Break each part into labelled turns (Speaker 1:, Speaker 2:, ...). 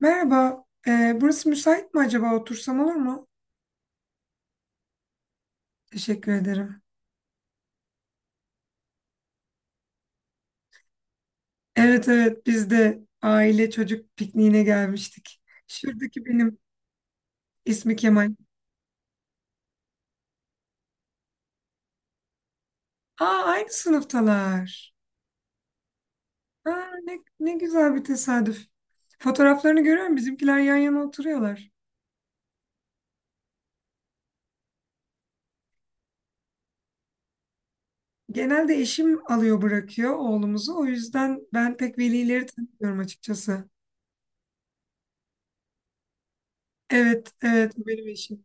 Speaker 1: Merhaba, burası müsait mi acaba? Otursam olur mu? Teşekkür ederim. Evet, evet, biz de aile çocuk pikniğine gelmiştik. Şuradaki benim ismi Kemal. Aa, aynı sınıftalar. Aa, ne güzel bir tesadüf. Fotoğraflarını görüyorum, bizimkiler yan yana oturuyorlar. Genelde eşim alıyor bırakıyor oğlumuzu. O yüzden ben pek velileri tanımıyorum açıkçası. Evet, evet, bu benim eşim.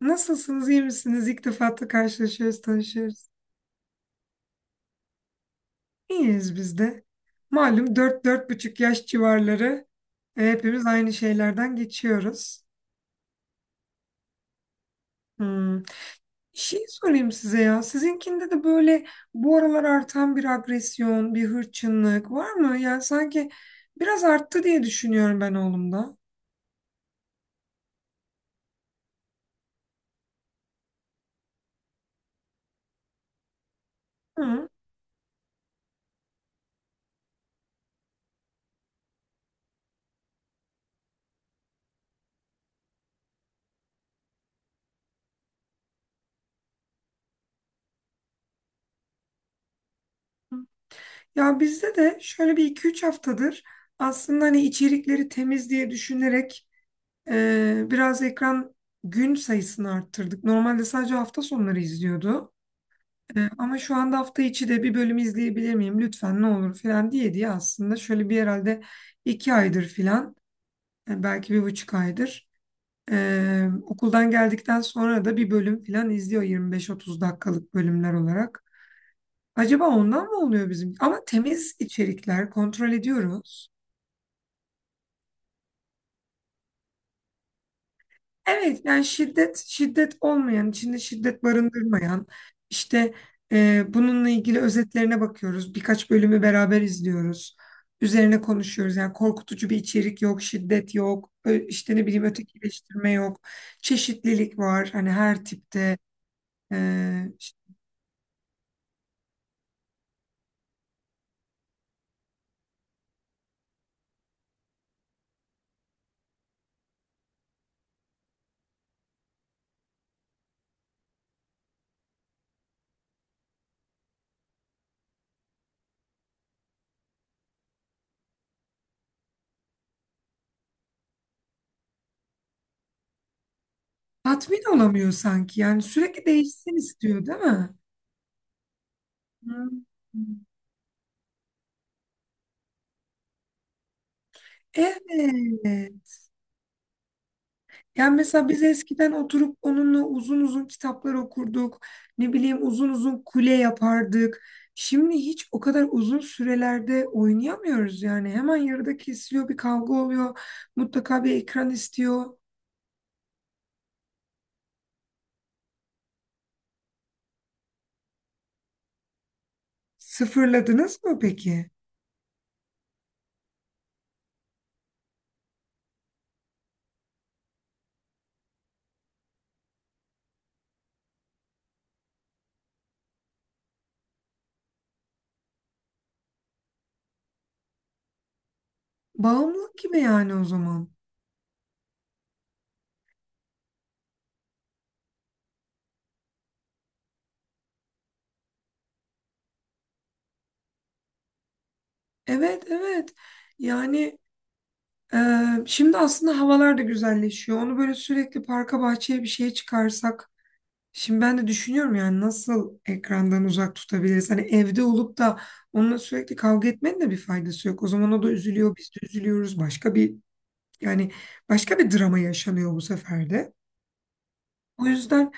Speaker 1: Nasılsınız, iyi misiniz? İlk defa da karşılaşıyoruz, tanışıyoruz. İyiyiz biz de. Malum 4,5 yaş civarları, hepimiz aynı şeylerden geçiyoruz. Hmm. Şey sorayım size ya. Sizinkinde de böyle bu aralar artan bir agresyon, bir hırçınlık var mı? Yani sanki biraz arttı diye düşünüyorum ben oğlumda. Hı. Ya bizde de şöyle bir iki üç haftadır aslında hani içerikleri temiz diye düşünerek biraz ekran gün sayısını arttırdık. Normalde sadece hafta sonları izliyordu. Ama şu anda hafta içi de bir bölüm izleyebilir miyim lütfen ne olur falan diye diye aslında şöyle bir herhalde 2 aydır falan, belki 1,5 aydır, okuldan geldikten sonra da bir bölüm falan izliyor, 25-30 dakikalık bölümler olarak. Acaba ondan mı oluyor bizim? Ama temiz içerikler kontrol ediyoruz. Evet, yani şiddet olmayan, içinde şiddet barındırmayan, işte bununla ilgili özetlerine bakıyoruz, birkaç bölümü beraber izliyoruz, üzerine konuşuyoruz. Yani korkutucu bir içerik yok, şiddet yok, işte ne bileyim ötekileştirme yok, çeşitlilik var hani her tipte. e, işte tatmin olamıyor sanki, yani sürekli değişsin istiyor değil mi? Hmm. Evet. Yani mesela biz eskiden oturup onunla uzun uzun kitaplar okurduk. Ne bileyim uzun uzun kule yapardık. Şimdi hiç o kadar uzun sürelerde oynayamıyoruz yani. Hemen yarıda kesiliyor, bir kavga oluyor. Mutlaka bir ekran istiyor. Sıfırladınız mı peki? Bağımlılık gibi yani o zaman. Evet, evet. Yani e, şimdi aslında havalar da güzelleşiyor. Onu böyle sürekli parka, bahçeye bir şeye çıkarsak. Şimdi ben de düşünüyorum yani nasıl ekrandan uzak tutabiliriz? Hani evde olup da onunla sürekli kavga etmenin de bir faydası yok. O zaman o da üzülüyor, biz de üzülüyoruz. Başka bir, yani başka bir drama yaşanıyor bu sefer de. O yüzden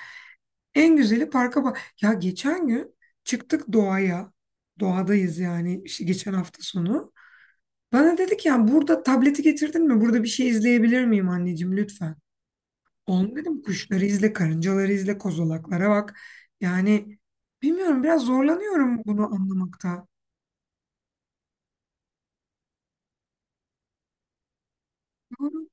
Speaker 1: en güzeli parka bak. Ya geçen gün çıktık doğaya. Doğadayız yani, işte geçen hafta sonu. Bana dedi ki yani burada tableti getirdin mi? Burada bir şey izleyebilir miyim anneciğim lütfen? Onu dedim kuşları izle, karıncaları izle, kozalaklara bak. Yani bilmiyorum, biraz zorlanıyorum bunu anlamakta. Doğru.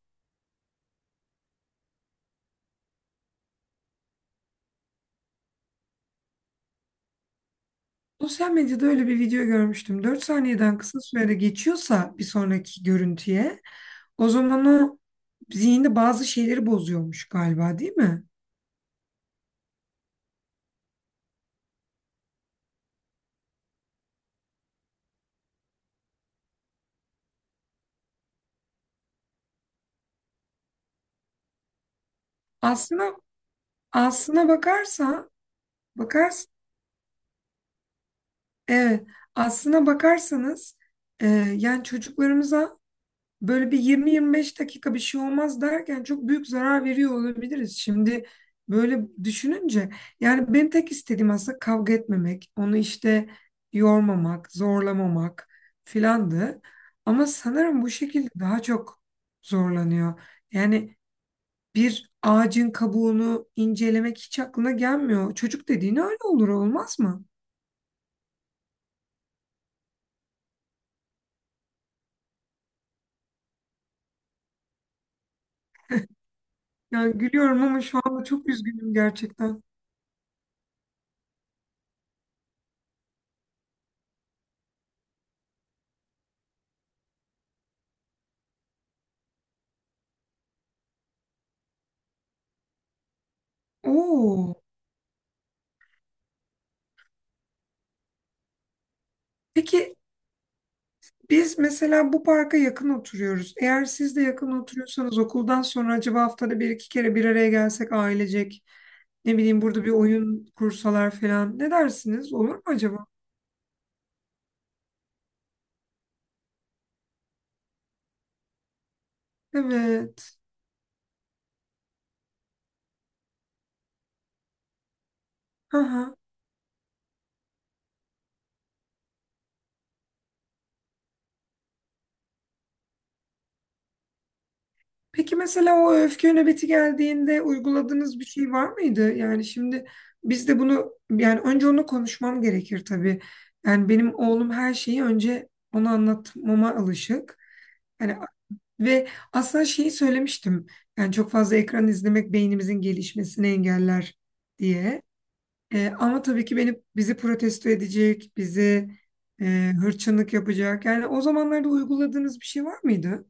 Speaker 1: Sosyal medyada öyle bir video görmüştüm. Dört saniyeden kısa sürede geçiyorsa bir sonraki görüntüye, o zaman o zihinde bazı şeyleri bozuyormuş galiba değil mi? Aslına aslına bakarsa bakars evet, aslına bakarsanız, e, yani çocuklarımıza böyle bir 20-25 dakika bir şey olmaz derken çok büyük zarar veriyor olabiliriz. Şimdi böyle düşününce, yani benim tek istediğim aslında kavga etmemek, onu işte yormamak, zorlamamak filandı. Ama sanırım bu şekilde daha çok zorlanıyor. Yani bir ağacın kabuğunu incelemek hiç aklına gelmiyor. Çocuk dediğin öyle olur olmaz mı? Yani gülüyorum ama şu anda çok üzgünüm gerçekten. Oo. Peki, biz mesela bu parka yakın oturuyoruz. Eğer siz de yakın oturuyorsanız okuldan sonra acaba haftada bir iki kere bir araya gelsek ailecek, ne bileyim burada bir oyun kursalar falan, ne dersiniz? Olur mu acaba? Evet. Aha. Peki mesela o öfke nöbeti geldiğinde uyguladığınız bir şey var mıydı? Yani şimdi biz de bunu, yani önce onu konuşmam gerekir tabii. Yani benim oğlum her şeyi önce ona anlatmama alışık. Yani. Ve aslında şeyi söylemiştim. Yani çok fazla ekran izlemek beynimizin gelişmesini engeller diye. Ama tabii ki beni bizi protesto edecek, bizi hırçınlık yapacak. Yani o zamanlarda uyguladığınız bir şey var mıydı?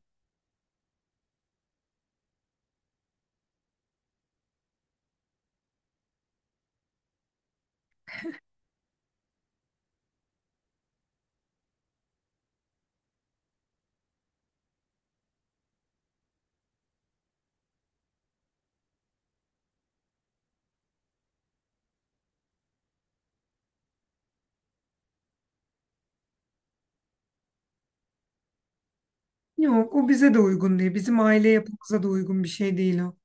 Speaker 1: Yok, o bize de uygun değil. Bizim aile yapımıza da uygun bir şey değil o.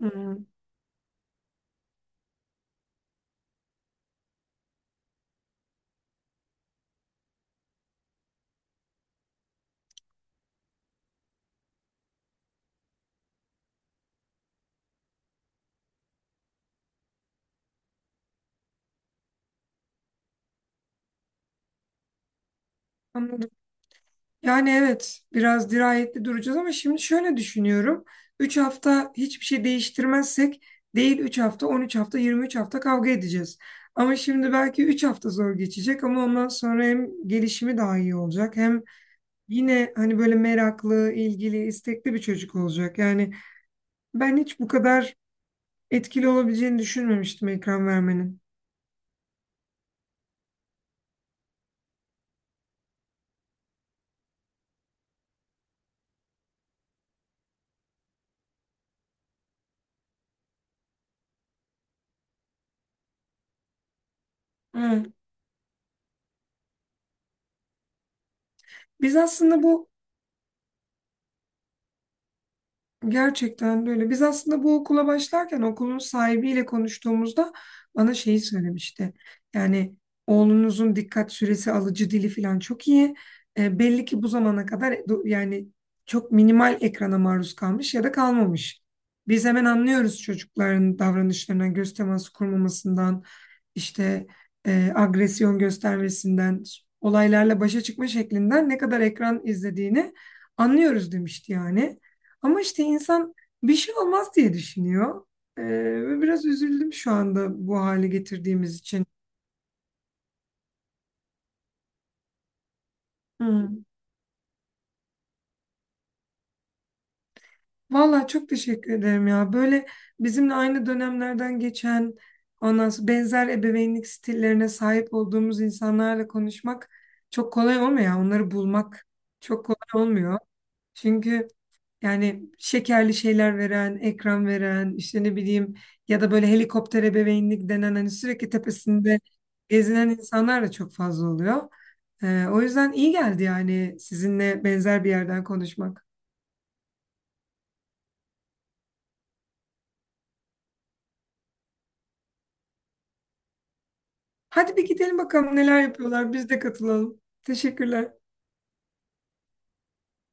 Speaker 1: Hmm. Yani evet, biraz dirayetli duracağız ama şimdi şöyle düşünüyorum. 3 hafta hiçbir şey değiştirmezsek, değil 3 hafta, 13 hafta, 23 hafta kavga edeceğiz. Ama şimdi belki 3 hafta zor geçecek ama ondan sonra hem gelişimi daha iyi olacak hem yine hani böyle meraklı, ilgili, istekli bir çocuk olacak. Yani ben hiç bu kadar etkili olabileceğini düşünmemiştim ekran vermenin. Evet. Biz aslında bu Gerçekten böyle. Biz aslında bu okula başlarken okulun sahibiyle konuştuğumuzda bana şeyi söylemişti. Yani oğlunuzun dikkat süresi, alıcı dili falan çok iyi. Belli ki bu zamana kadar yani çok minimal ekrana maruz kalmış ya da kalmamış. Biz hemen anlıyoruz çocukların davranışlarından, göz teması kurmamasından, işte agresyon göstermesinden, olaylarla başa çıkma şeklinden ne kadar ekran izlediğini anlıyoruz demişti yani. Ama işte insan bir şey olmaz diye düşünüyor. Ee, Ve biraz üzüldüm şu anda bu hale getirdiğimiz için. Hı. Vallahi çok teşekkür ederim ya. Böyle bizimle aynı dönemlerden geçen, ondan sonra benzer ebeveynlik stillerine sahip olduğumuz insanlarla konuşmak çok kolay olmuyor ya. Onları bulmak çok kolay olmuyor. Çünkü Yani şekerli şeyler veren, ekran veren, işte ne bileyim, ya da böyle helikopter ebeveynlik denen, hani sürekli tepesinde gezinen insanlar da çok fazla oluyor. O yüzden iyi geldi yani sizinle benzer bir yerden konuşmak. Hadi bir gidelim bakalım neler yapıyorlar, biz de katılalım. Teşekkürler.